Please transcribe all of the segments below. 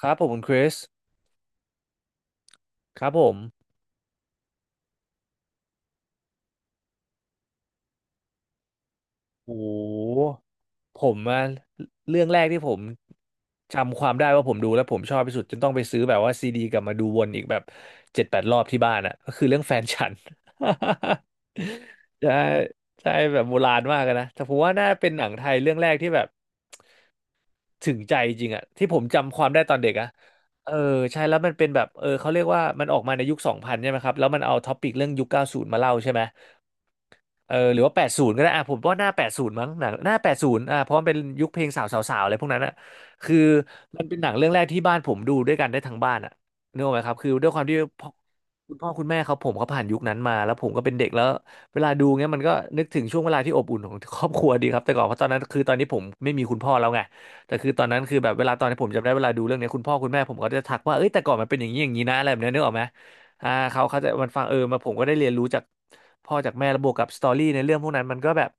ครับผมคุณคริสครับผมโอ้โหผมอะเรื่องแรกที่ผมจำความได้ว่าผมดูแล้วผมชอบที่สุดจนต้องไปซื้อแบบว่าซีดีกลับมาดูวนอีกแบบเจ็ดแปดรอบที่บ้านอะก็คือเรื่องแฟนฉัน ใช่ใช่แบบโบราณมากอะนะแต่ผมว่าน่าเป็นหนังไทยเรื่องแรกที่แบบถึงใจจริงอะที่ผมจำความได้ตอนเด็กอะเออใช่แล้วมันเป็นแบบเขาเรียกว่ามันออกมาในยุคสองพันใช่ไหมครับแล้วมันเอาท็อปิกเรื่องยุคเก้าสูนมาเล่าใช่ไหม เออหรือว่าแปดศูนย์ก็ได้อ่ะผมว่าหน้าแปดศูนย์มั้งหนังหน้าแปดศูนย์อ่ะเพราะมันเป็นยุคเพลงสาวสาวสาวอะไรพวกนั้นอ่ะคือมันเป็นหนังเรื่องแรกที่บ้านผมดูด้วยกันได้ทั้งบ้านอ่ะนึกออกไหมครับคือด้วยความที่พ่อคุณพ่อคุณแม่เขาผ่านยุคนั้นมาแล้วผมก็เป็นเด็กแล้วเวลาดูเงี้ยมันก็นึกถึงช่วงเวลาที่อบอุ่นของครอบครัวดีครับแต่ก่อนเพราะตอนนั้นคือตอนนี้ผมไม่มีคุณพ่อแล้วไงแต่คือตอนนั้นคือแบบเวลาตอนที่ผมจำได้เวลาดูเรื่องเนี้ยคุณพ่อคุณแม่ผมก็จะทักว่าเอ้ยแต่ก่อนมันเป็นอย่างนี้อย่างนี้นะอะไรแบบเนี้ยนึกออกไหม อ่าเขาจะมันฟังมาผมก็ได้เรียนรู้จากพ่อจากแม่แล้วบวกกับสตอรี่ในเรื่องพวกนั้นมันก็แบบ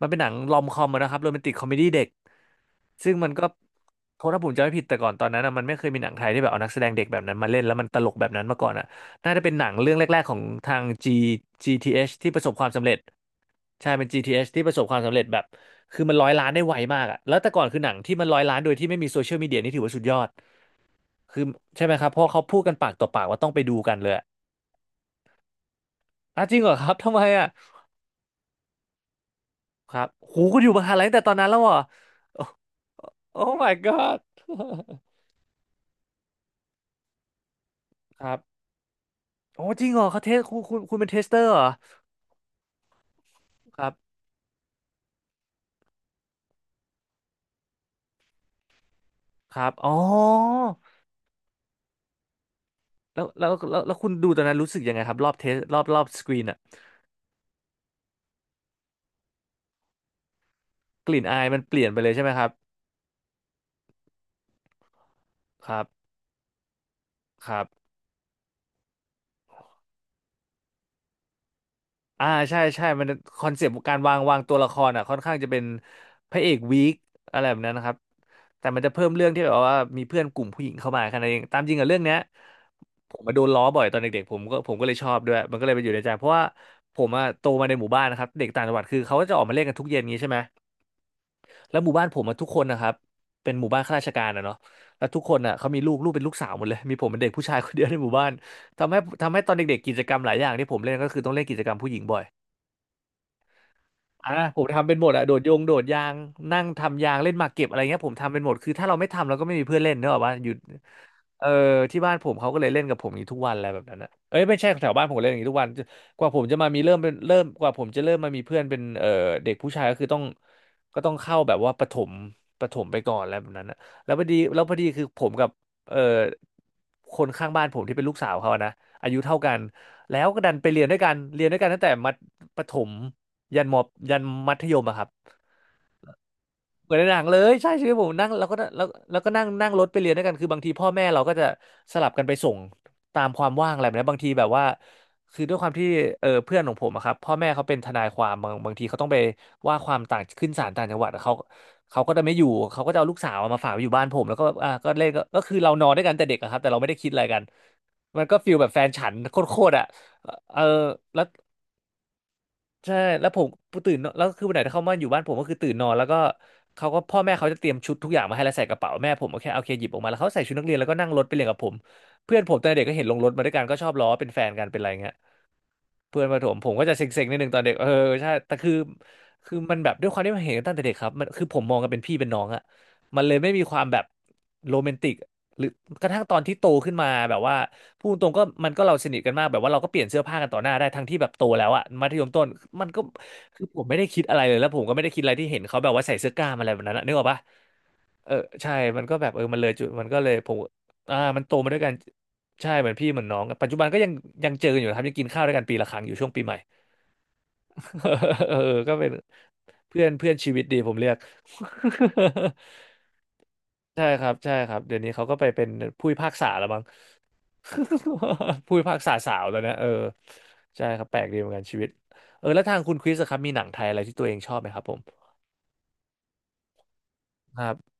มันเป็นหนังลอมคอมอะนะครับโรแมนติกคอมเมดี้เด็กซึ่งมันก็โทษถ้าผมจำไม่ผิดแต่ก่อนตอนนั้นอะมันไม่เคยมีหนังไทยที่แบบเอานักแสดงเด็กแบบนั้นมาเล่นแล้วมันตลกแบบนั้นมาก่อนอะน่าจะเป็นหนังเรื่องแรกๆของทาง GTH ทีเอชที่ประสบความสำเร็จใช่เป็น GTH ทีเอชที่ประสบความสำเร็จแบบคือมันร้อยล้านได้ไวมากอะแล้วแต่ก่อนคือหนังที่มันร้อยล้านโดยที่ไม่มีโซเชียลมีเดียนี่ถือว่าสุดยอดคือใช่ไหมครับเพราะเขาพูดกันปากต่อปากว่าต้องไปดูกันเลย อ่ะจริงเหรอครับทำไมอ่ะครับโหคุณอยู่มหาลัยตั้งแต่ตอนนั้นแล้วเหรอโอ้ Oh my god ครับโอ้จริงเหรอเขาเทสคุณเป็นเทสเตอร์เหรอครับครับอ๋อแล้วคุณดูตอนนั้นรู้สึกยังไงครับรอบเทสรอบสกรีนอ่ะกลิ่นอายมันเปลี่ยนไปเลยใช่ไหมครับครับครับ อ่าใช่ใช่มันคอนเซปต์การวางตัวละครอ่ะค่อนข้างจะเป็นพระเอกวีคอะไรแบบนั้นนะครับแต่มันจะเพิ่มเรื่องที่แบบว่ามีเพื่อนกลุ่มผู้หญิงเข้ามาแค่นั้นเองตามจริงกับเรื่องเนี้ยผมมาโดนล้อบ่อยตอนเด็กๆผมก็เลยชอบด้วยมันก็เลยไปอยู่ในใจเพราะว่าผมอะโตมาในหมู่บ้านนะครับเด็กต่างจังหวัดคือเขาก็จะออกมาเล่นกันทุกเย็นงี้ใช่ไหมแล้วหมู่บ้านผมอะทุกคนนะครับเป็นหมู่บ้านข้าราชการอะเนาะแล้วทุกคนอะเขามีลูกเป็นลูกสาวหมดเลยมีผมเป็นเด็กผู้ชายคนเดียวในหมู่บ้านทำให้ตอนเด็กๆกิจกรรมหลายอย่างที่ผมเล่นก็คือต้องเล่นกิจกรรมผู้หญิงบ่อย อ่าผมทำเป็นหมดอะโดดยางนั่งทำยางเล่นหมากเก็บอะไรเงี้ยผมทำเป็นหมดคือถ้าเราไม่ทำเราก็ไม่มีเพื่อนเล่นเนกอะว่าหยุดเออที่บ้านผมเขาก็เลยเล่นกับผมอย่างนี้ทุกวันอะไรแบบนั้นนะเอ้ยไม่ใช่แถวบ้านผมเล่นอย่างนี้ทุกวันกว่าผมจะมามีเริ่มเป็นเริ่มกว่าผมจะเริ่มมามีเพื่อนเป็นเด็กผู้ชายก็คือต้องเข้าแบบว่าประถมไปก่อนอะไรแบบนั้นนะแล้วพอดีคือผมกับเออคนข้างบ้านผมที่เป็นลูกสาวเขาอะนะอายุเท่ากันแล้วก็ดันไปเรียนด้วยกันเรียนด้วยกันตั้งแต่ประถม ยันมอยันมัธยมอะครับเหมือนในหนังเลยใช่ชีวิตผมนั่งแล้วก็แล้วแล้วก็นั่งนั่งรถไปเรียนด้วยกันคือบางทีพ่อแม่เราก็จะสลับกันไปส่งตามความว่างอะไรแบบนี้บางทีแบบว่าคือด้วยความที่เพื่อนของผมอะครับพ่อแม่เขาเป็นทนายความบางทีเขาต้องไปว่าความต่างขึ้นศาลต่างจังหวัดเขาเขาก็จะไม่อยู่เขาก็จะเอาลูกสาวมาฝากไว้อยู่บ้านผมแล้วก็อ่ะก็เล่นก็คือเรานอนด้วยกันแต่เด็กอะครับแต่เราไม่ได้คิดอะไรกันมันก็ฟีลแบบแฟนฉันโคตรๆอะเออแล้ว ใช่แล้วผมตื่นนอนแล้วคือวันไหนที่เขามาอยู่บ้านผมก็คือตื่นนอนแล้วก็เขาก็พ่อแม่เขาจะเตรียมชุดทุกอย่างมาให้แล้วใส่กระเป๋าแม่ผมโอเคโอเคหยิบออกมาแล้วเขาใส่ชุดนักเรียนแล้วก็นั่งรถไปเรียนกับผมเพื่อนผมตอนเด็กก็เห็นลงรถมาด้วยกันก็ชอบล้อเป็นแฟนกันเป็นอะไรเงี้ย เพื่อนประถมผมก็จะเซ็งๆนิดนึงตอนเด็กเออใช่แต่คือมันแบบด้วยความที่มันเห็นตั้งแต่เด็กครับมันคือผมมองกันเป็นพี่เป็นน้องอะมันเลยไม่มีความแบบโรแมนติกหรือกระทั่งตอนที่โตขึ้นมาแบบว่าพูดตรงก็มันก็เราสนิทกันมากแบบว่าเราก็เปลี่ยนเสื้อผ้ากันต่อหน้าได้ทั้งที่แบบโตแล้วอะมัธยมต้นมันก็คือผมไม่ได้คิดอะไรเลยแล้วผมก็ไม่ได้คิดอะไรที่เห็นเขาแบบว่าใส่เสื้อกล้ามอะไรแบบนั้นอะนึกออกปะ เออใช่มันก็แบบมันเลยจุดมันก็เลยผมอ่ามันโตมาด้วยกันใช่เหมือนพี่เหมือนน้องกันปัจจุบันก็ยังยังเจอกันอยู่นะครับยังกินข้าวด้วยกันปีละครั้งอยู่ช่วงปีใหม่ เออก็เป็นเพื่อนเพื่อนชีวิตดีผมเรียก ใช่ครับใช่ครับเดี๋ยวนี้เขาก็ไปเป็นผู้พิพากษาแล้วมั้ง ผู้พิพากษาสาวแล้วนะเออใช่ครับแปลกดีเหมือนกันชีวิตเออแล้วทางคุณคริสอะครับมีหนังไทยอะไรที่ตัวเองชอบไหมครับผมครับ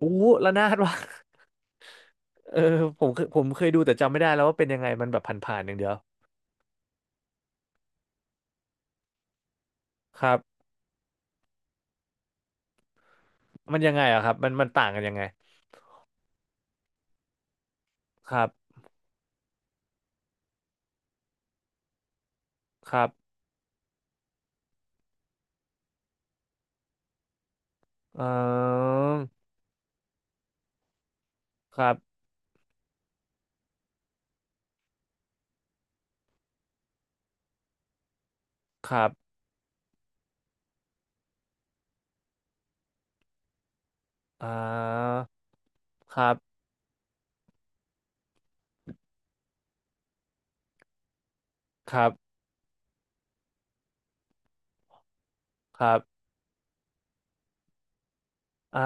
อู้ระนาด ว่ะ เออผมเคยผมเคยดูแต่จำไม่ได้แล้วว่าเป็นยังไงมันแบบผ่านๆอย่างเดียวครับมันยังไงอะครับมันต่างกันยังไงครับครับเออครับครับอ่าครับครับครับอ่า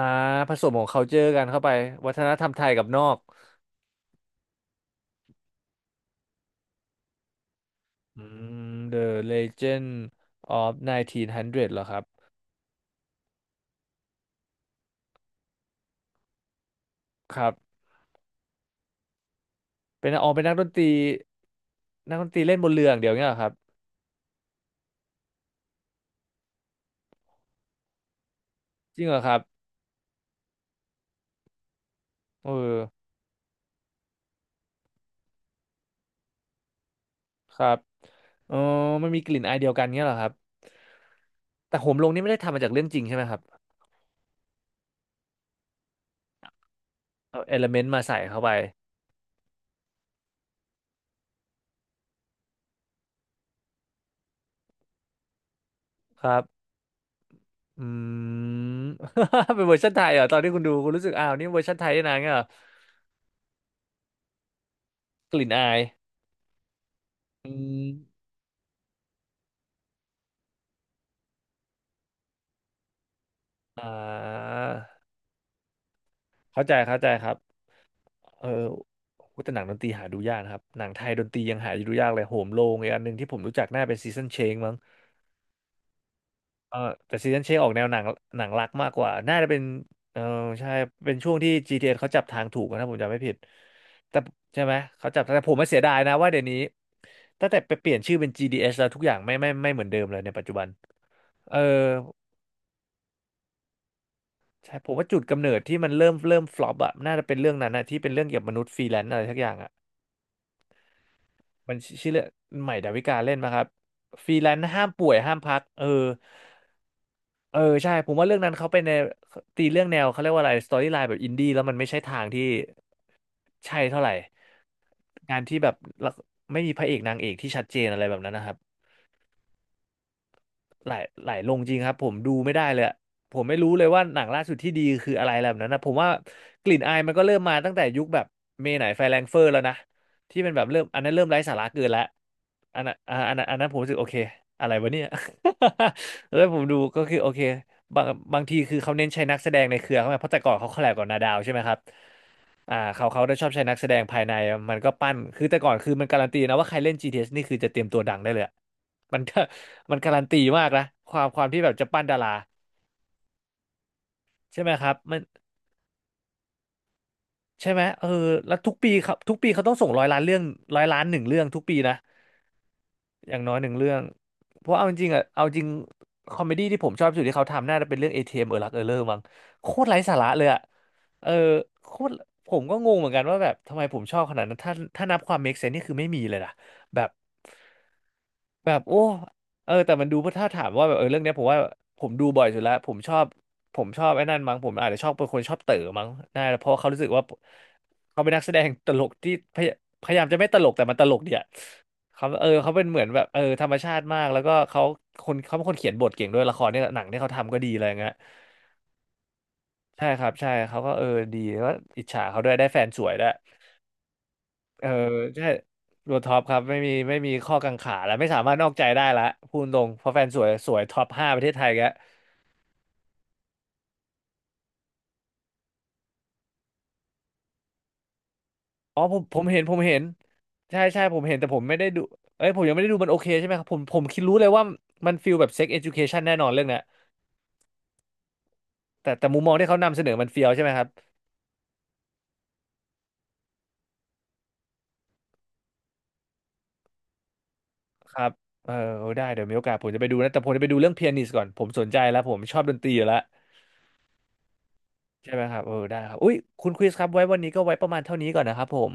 ผสมของ culture กันเข้าไปวัฒนธรรมไทยกับนอกอืม The Legend of 1900เก้าร้อยเหรอครับครับเป็นอ๋อเป็นนักดนตรีนักดนตรีเล่นบนเรืออย่างเดียวเงี้ยเหรอครับจริงเหรอครับเออ ครับเอ๋อมันมีกลิ่นอายเดียวกันเงี้ยเหรอครับแต่โหมลงนี่ไม่ได้ทำมาจากเรื่องจริงใช่ไหมครับเอาเอลเมนต์มาใส่เข้าไปครับอืม เป็นเวอร์ชันไทยเหรอตอนที่คุณดูคุณรู้สึกอ้าวนี่เวอร์ชันไทยด้วยนะเงี้ยเหรอกลิ่นอายอืมอ่าเข้าใจเข้าใจครับเออโหแต่หนังดนตรีหาดูยากนะครับหนังไทยดนตรียังหาดูยากเลยโหมโรงอีกอันหนึ่งที่ผมรู้จักน่าเป็นซีซันเชงมั้ง เออแต่ซีซันเชคออกแนวหนังหนังรักมากกว่าน่าจะเป็นเออใช่เป็นช่วงที่ GTS เอสเขาจับทางถูกนะถ้าผมจำไม่ผิดแต่ใช่ไหมเขาจับแต่ผมไม่เสียดายนะว่าเดี๋ยวนี้ตั้งแต่ไปเปลี่ยนชื่อเป็น GDS แล้วทุกอย่างไม่เหมือนเดิมเลยในปัจจุบันเออใช่ผมว่าจุดกำเนิดที่มันเริ่มฟลอปอะน่าจะเป็นเรื่องนั้นนะที่เป็นเรื่องเกี่ยวกับมนุษย์ฟรีแลนซ์อะไรสักอย่างอะ มันชชื่อเรื่องใหม่ดาวิกาเล่นมาครับฟรีแลนซ์ห้ามป่วยห้ามพักเออเออใช่ผมว่าเรื่องนั้นเขาเป็นในตีเรื่องแนวเขาเรียกว่าอะไรสตอรี่ไลน์แบบอินดี้แล้วมันไม่ใช่ทางที่ใช่เท่าไหร่งานที่แบบละไม่มีพระเอกนางเอกที่ชัดเจนอะไรแบบนั้นนะครับ ไหลไหลลงจริงครับผมดูไม่ได้เลยอะผมไม่รู้เลยว่าหนังล่าสุดที่ดีคืออะไรแบบนั้นนะผมว่ากลิ่นอายมันก็เริ่มมาตั้งแต่ยุคแบบเมไหนไฟแรงเฟอร์แล้วนะที่เป็นแบบเริ่มอันนั้นเริ่มไร้สาระเกินแล้วอันนั้นอ่าอันนั้นอันนั้นผมรู้สึกโอเคอะไรวะเนี่ย แล้วผมดูก็คือโอเคบางบางทีคือเขาเน้นใช้นักแสดงในเครือเขาไงเพราะแต่ก่อนเขาคอลแลบกับนาดาวใช่ไหมครับ เขาได้ชอบใช้นักแสดงภายในมันก็ปั้นคือแต่ก่อนคือมันการันตีนะว่าใครเล่น GTS นี่คือจะเตรียมตัวดังได้เลยอะ มันก็มันการันตีมากนะความที่แบบจะปั้นดาราใช่ไหมครับมันใช่ไหมเออแล้วทุกปีครับทุกปีเขาต้องส่งร้อยล้านเรื่องร้อยล้านหนึ่งเรื่องทุกปีนะ อย่างน้อยหนึ่งเรื่องเพราะเอาจริงๆอ่ะเอาจริงคอมเมดี้ที่ผมชอบที่สุดที่เขาทำน่าจะเป็นเรื่อง ATM เอมเออรักเออเลอร์มั้งโคตรไร้สาระเลยอ่ะเออโคตรผมก็งงเหมือนกันว่าแบบทำไมผมชอบขนาดนั้นถ้านับความ make sense นี่คือไม่มีเลยนะแบบโอ้แต่มันดูเพราะถ้าถามว่าแบบเรื่องเนี้ยผมว่าผมดูบ่อยสุดแล้วผมชอบผมชอบไอ้นั่นมั้งผมอาจจะชอบเป็นคนชอบเต๋อมั้งน่าเพราะเขารู้สึกว่าเขาเป็นนักแสดงตลกที่พยายามจะไม่ตลกแต่มันตลกดีอะ เขาเป็นเหมือนแบบธรรมชาติมากแล้วก็เขาคนเขาเป็นคนเขียนบทเก่งด้วยละครเนี่ยหนังที่เขาทำก็ดีอะไรเงี้ยใช่ครับใช่เขาก็ดีแล้วก็อิจฉาเขาด้วยได้แฟนสวยด้วยเออใช่ตัวท็อปครับไม่มีข้อกังขาแล้วไม่สามารถนอกใจได้ละพูดตรงเพราะแฟนสวยสวยท็อป5ประเทศไทยแกอ๋อผมเห็นผมเห็นใช่ใช่ผมเห็นแต่ผมไม่ได้ดูเอ้ยผมยังไม่ได้ดูมันโอเคใช่ไหมครับผมคิดรู้เลยว่ามันฟีลแบบเซ็กเอ ucation แน่นอนเรื่องเนี้ยแต่มุมมองที่เขานำเสนอมันเฟียวใช่ไหมครับ ครับ เออได้เดี๋ยวมีโอกาสผมจะไปดูนะแต่ผมจะไปดูเรื่องเปียนิสก่อนผมสนใจแล้วผมชอบดนตรีอยู่แล้วใช่ไหมครับเออได้ครับอุ้ยคุณคริสครับไว้วันนี้ก็ไว้ประมาณเท่านี้ก่อนนะครับผม